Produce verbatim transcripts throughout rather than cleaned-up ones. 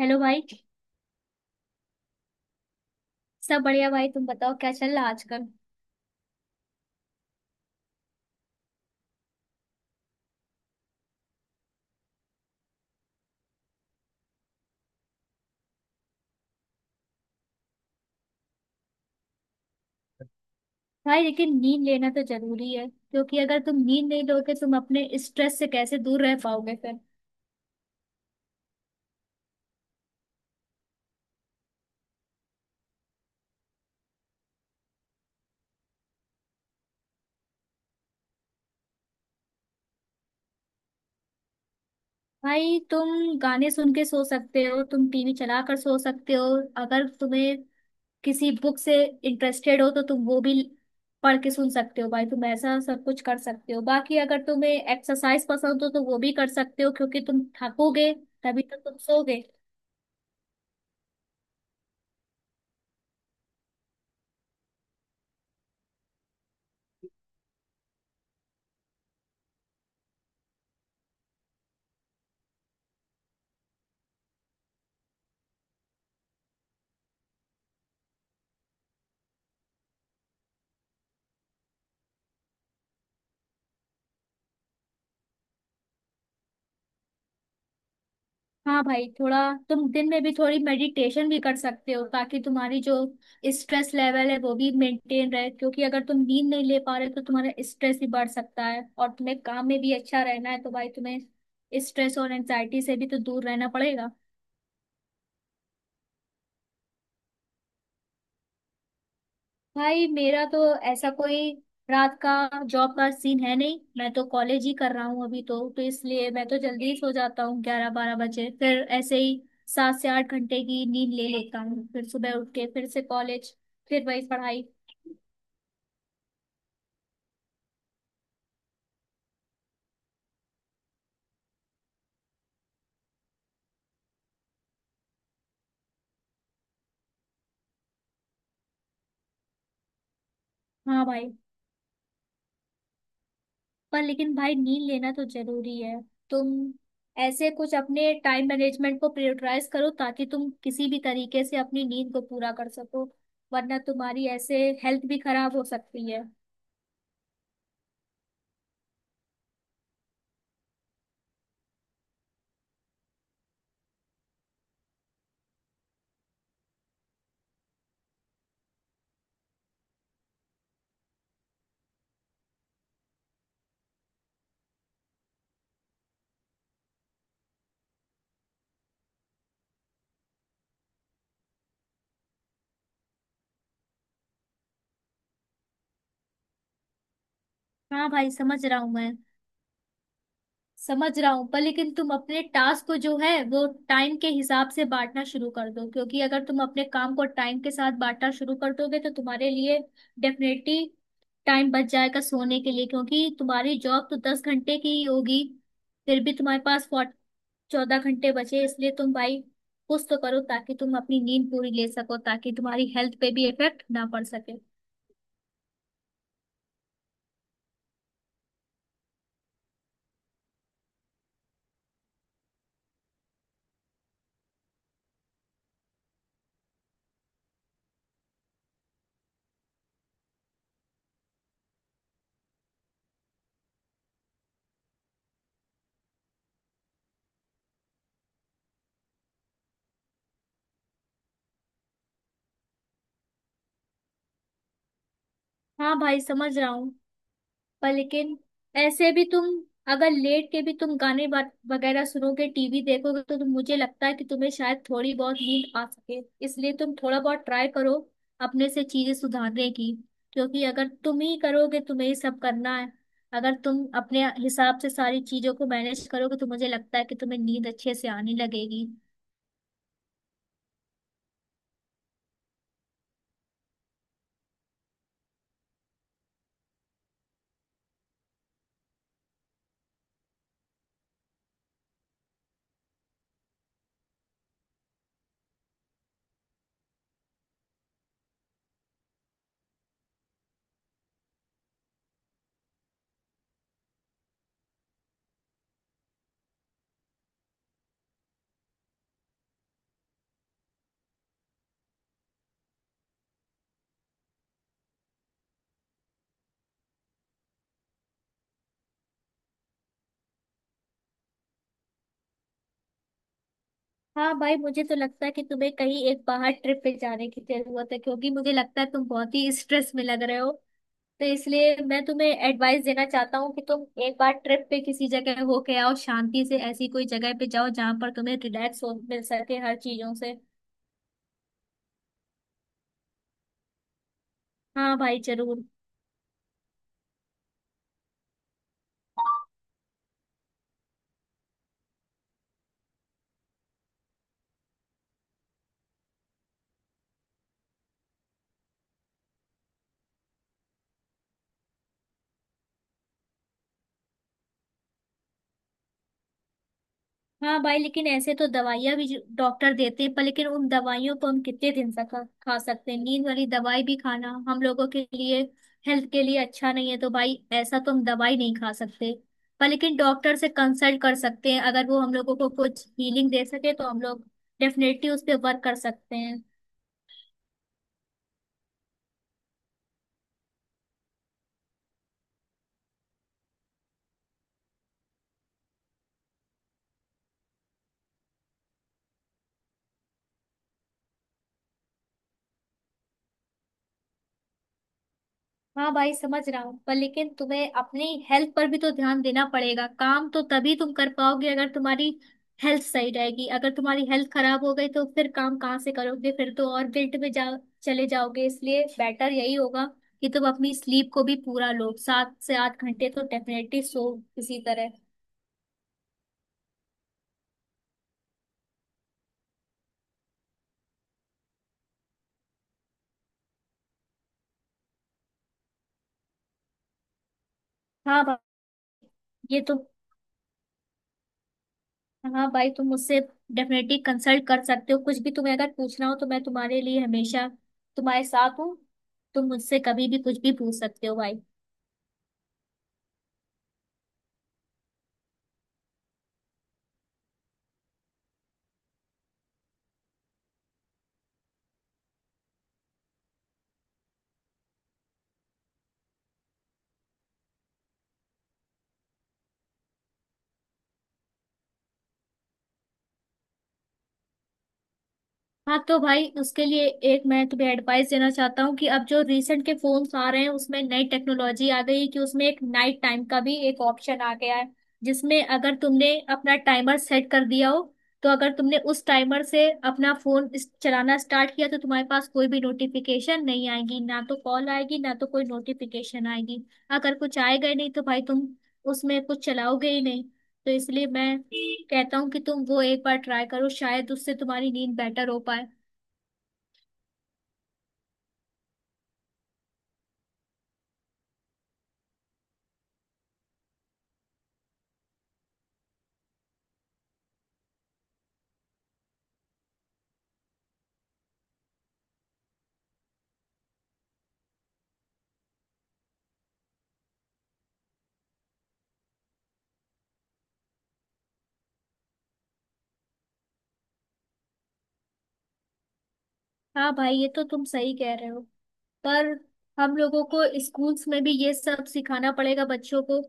Hello भाई। सब बढ़िया भाई, तुम बताओ क्या चल रहा है आजकल? भाई लेकिन नींद लेना तो जरूरी है, क्योंकि अगर तुम नींद नहीं लोगे तुम अपने स्ट्रेस से कैसे दूर रह पाओगे फिर? भाई तुम गाने सुन के सो सकते हो, तुम टीवी चला कर सो सकते हो। अगर तुम्हें किसी बुक से इंटरेस्टेड हो तो तुम वो भी पढ़ के सुन सकते हो। भाई तुम ऐसा सब कुछ कर सकते हो। बाकी अगर तुम्हें एक्सरसाइज पसंद हो तो वो भी कर सकते हो, क्योंकि तुम थकोगे तभी तो तुम सोगे। हाँ भाई, थोड़ा तुम दिन में भी थोड़ी मेडिटेशन भी कर सकते हो ताकि तुम्हारी जो स्ट्रेस लेवल है वो भी मेंटेन रहे। क्योंकि अगर तुम नींद नहीं ले पा रहे तो तुम्हारा स्ट्रेस भी बढ़ सकता है, और तुम्हें काम में भी अच्छा रहना है, तो भाई तुम्हें स्ट्रेस और एंजाइटी से भी तो दूर रहना पड़ेगा। भाई मेरा तो ऐसा कोई रात का जॉब का सीन है नहीं, मैं तो कॉलेज ही कर रहा हूँ अभी तो तो इसलिए मैं तो जल्दी ही सो जाता हूँ ग्यारह बारह बजे, फिर ऐसे ही सात से आठ घंटे की नींद ले लेता हूँ, फिर सुबह उठ के फिर से कॉलेज, फिर वही पढ़ाई। हाँ भाई, पर लेकिन भाई नींद लेना तो जरूरी है। तुम ऐसे कुछ अपने टाइम मैनेजमेंट को प्रायोरिटाइज करो ताकि तुम किसी भी तरीके से अपनी नींद को पूरा कर सको, वरना तुम्हारी ऐसे हेल्थ भी खराब हो सकती है। हाँ भाई, समझ रहा हूँ मैं, समझ रहा हूँ। पर लेकिन तुम अपने टास्क को जो है वो टाइम के हिसाब से बांटना शुरू कर दो, क्योंकि अगर तुम अपने काम को टाइम के साथ बांटना शुरू कर दोगे तो तुम्हारे लिए डेफिनेटली टाइम बच जाएगा सोने के लिए। क्योंकि तुम्हारी जॉब तो दस घंटे की ही होगी, फिर भी तुम्हारे पास फोर्ट चौदह घंटे बचे, इसलिए तुम भाई कुछ तो करो ताकि तुम अपनी नींद पूरी ले सको, ताकि तुम्हारी हेल्थ पे भी इफेक्ट ना पड़ सके। हाँ भाई, समझ रहा हूँ। पर लेकिन ऐसे भी तुम अगर लेट के भी तुम गाने वा- वगैरह सुनोगे टीवी देखोगे तो तुम, मुझे लगता है कि तुम्हें शायद थोड़ी बहुत नींद आ सके। इसलिए तुम थोड़ा बहुत ट्राई करो अपने से चीजें सुधारने की, क्योंकि अगर तुम ही करोगे, तुम्हें ही सब करना है। अगर तुम अपने हिसाब से सारी चीजों को मैनेज करोगे तो मुझे लगता है कि तुम्हें नींद अच्छे से आने लगेगी। हाँ भाई, मुझे तो लगता है कि तुम्हें कहीं एक बाहर ट्रिप पे जाने की जरूरत है, क्योंकि मुझे लगता है तुम बहुत ही स्ट्रेस में लग रहे हो। तो इसलिए मैं तुम्हें एडवाइस देना चाहता हूँ कि तुम एक बार ट्रिप पे किसी जगह होके आओ, शांति से ऐसी कोई जगह पे जाओ जहाँ पर तुम्हें रिलैक्स हो मिल सके हर चीजों से। हाँ भाई जरूर। हाँ भाई, लेकिन ऐसे तो दवाइयाँ भी डॉक्टर देते हैं, पर लेकिन उन दवाइयों को हम कितने दिन तक खा खा सकते हैं? नींद वाली दवाई भी खाना हम लोगों के लिए हेल्थ के लिए अच्छा नहीं है, तो भाई ऐसा तो हम दवाई नहीं खा सकते। पर लेकिन डॉक्टर से कंसल्ट कर सकते हैं, अगर वो हम लोगों को कुछ हीलिंग दे सके तो हम लोग डेफिनेटली उस पर वर्क कर सकते हैं। हाँ भाई, समझ रहा हूँ। पर लेकिन तुम्हें अपनी हेल्थ पर भी तो ध्यान देना पड़ेगा। काम तो तभी तुम कर पाओगे अगर तुम्हारी हेल्थ सही रहेगी। अगर तुम्हारी हेल्थ खराब हो गई तो फिर काम कहाँ से करोगे, फिर तो और गिल्ट में जा चले जाओगे। इसलिए बेटर यही होगा कि तुम अपनी स्लीप को भी पूरा लो, सात से आठ घंटे तो डेफिनेटली सो किसी तरह। हाँ भाई, ये तो, हाँ भाई तुम मुझसे डेफिनेटली कंसल्ट कर सकते हो। कुछ भी तुम्हें अगर पूछना हो तो मैं तुम्हारे लिए हमेशा, तुम्हारे साथ हूँ। तुम मुझसे कभी भी कुछ भी पूछ सकते हो भाई। हाँ तो भाई उसके लिए एक मैं तुम्हें एडवाइस देना चाहता हूँ, कि अब जो रिसेंट के फोन्स आ रहे हैं उसमें नई टेक्नोलॉजी आ गई है कि उसमें एक नाइट टाइम का भी एक ऑप्शन आ गया है, जिसमें अगर तुमने अपना टाइमर सेट कर दिया हो तो अगर तुमने उस टाइमर से अपना फोन इस- चलाना स्टार्ट किया, तो तुम्हारे पास कोई भी नोटिफिकेशन नहीं आएगी, ना तो कॉल आएगी ना तो कोई नोटिफिकेशन आएगी। अगर कुछ आएगा ही नहीं तो भाई तुम उसमें कुछ चलाओगे ही नहीं। तो इसलिए मैं कहता हूँ कि तुम वो एक बार ट्राई करो, शायद उससे तुम्हारी नींद बेटर हो पाए। हाँ भाई ये तो तुम सही कह रहे हो। पर हम लोगों को स्कूल्स में भी ये सब सिखाना पड़ेगा बच्चों को,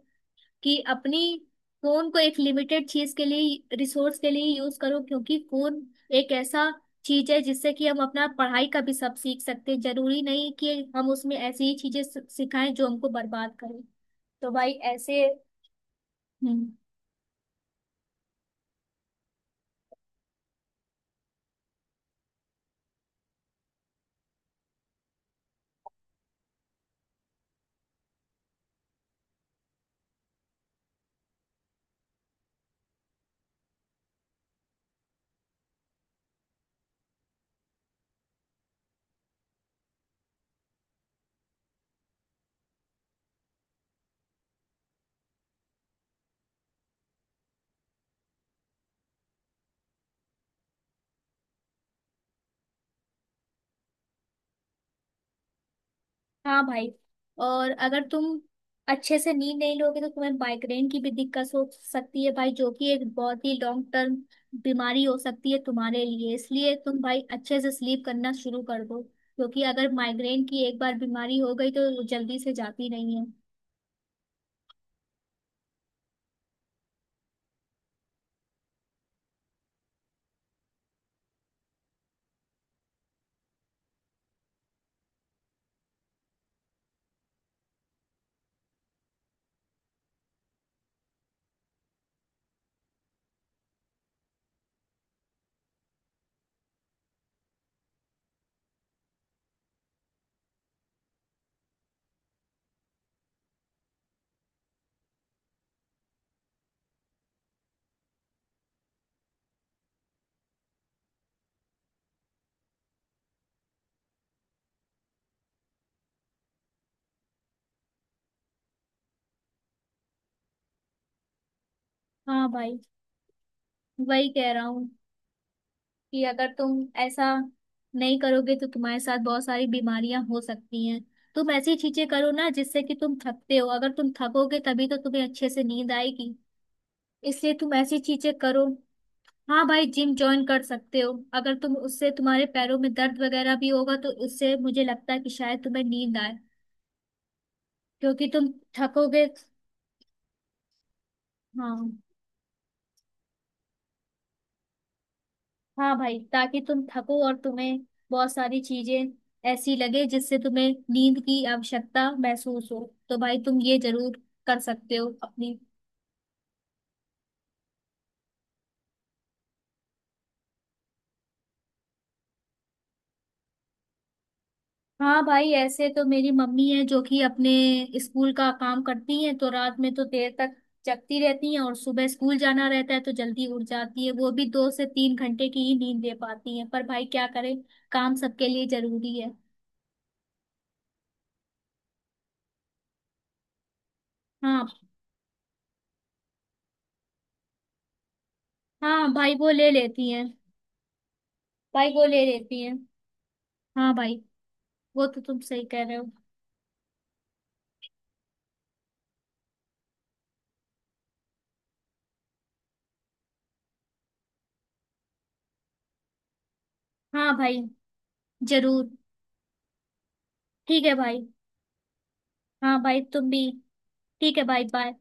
कि अपनी फोन को एक लिमिटेड चीज के लिए, रिसोर्स के लिए यूज करो, क्योंकि फोन एक ऐसा चीज है जिससे कि हम अपना पढ़ाई का भी सब सीख सकते हैं। जरूरी नहीं कि हम उसमें ऐसी ही चीजें सि- सिखाएं जो हमको बर्बाद करें। तो भाई ऐसे। हम्म। हाँ भाई, और अगर तुम अच्छे से नींद नहीं लोगे तो तुम्हें माइग्रेन की भी दिक्कत हो सकती है भाई, जो कि एक बहुत ही लॉन्ग टर्म बीमारी हो सकती है तुम्हारे लिए। इसलिए तुम भाई अच्छे से स्लीप करना शुरू कर दो, क्योंकि अगर माइग्रेन की एक बार बीमारी हो गई तो वो जल्दी से जाती नहीं है। हाँ भाई, वही कह रहा हूँ, कि अगर तुम ऐसा नहीं करोगे तो तुम्हारे साथ बहुत सारी बीमारियां हो सकती हैं। तुम ऐसी चीजें करो ना, जिससे कि तुम थकते हो, अगर तुम थकोगे तभी तो तुम्हें अच्छे से नींद आएगी। इसलिए तुम ऐसी चीजें करो। हाँ भाई, जिम ज्वाइन कर सकते हो, अगर तुम उससे, तुम्हारे पैरों में दर्द वगैरह भी होगा तो उससे मुझे लगता है कि शायद तुम्हें नींद आए, क्योंकि तुम थकोगे। हाँ। हाँ भाई ताकि तुम थको और तुम्हें बहुत सारी चीजें ऐसी लगे जिससे तुम्हें नींद की आवश्यकता महसूस हो। तो भाई तुम ये जरूर कर सकते हो अपनी। हाँ भाई, ऐसे तो मेरी मम्मी है जो कि अपने स्कूल का काम करती हैं, तो रात में तो देर तक जगती रहती हैं, और सुबह स्कूल जाना रहता है तो जल्दी उठ जाती है, वो भी दो से तीन घंटे की ही नींद ले पाती हैं। पर भाई क्या करें, काम सबके लिए जरूरी है। हाँ। हाँ भाई वो ले लेती हैं। भाई वो ले लेती हैं। हाँ भाई, वो तो तुम सही कह रहे हो। हाँ भाई जरूर। ठीक है भाई। हाँ भाई तुम भी। ठीक है भाई, बाय।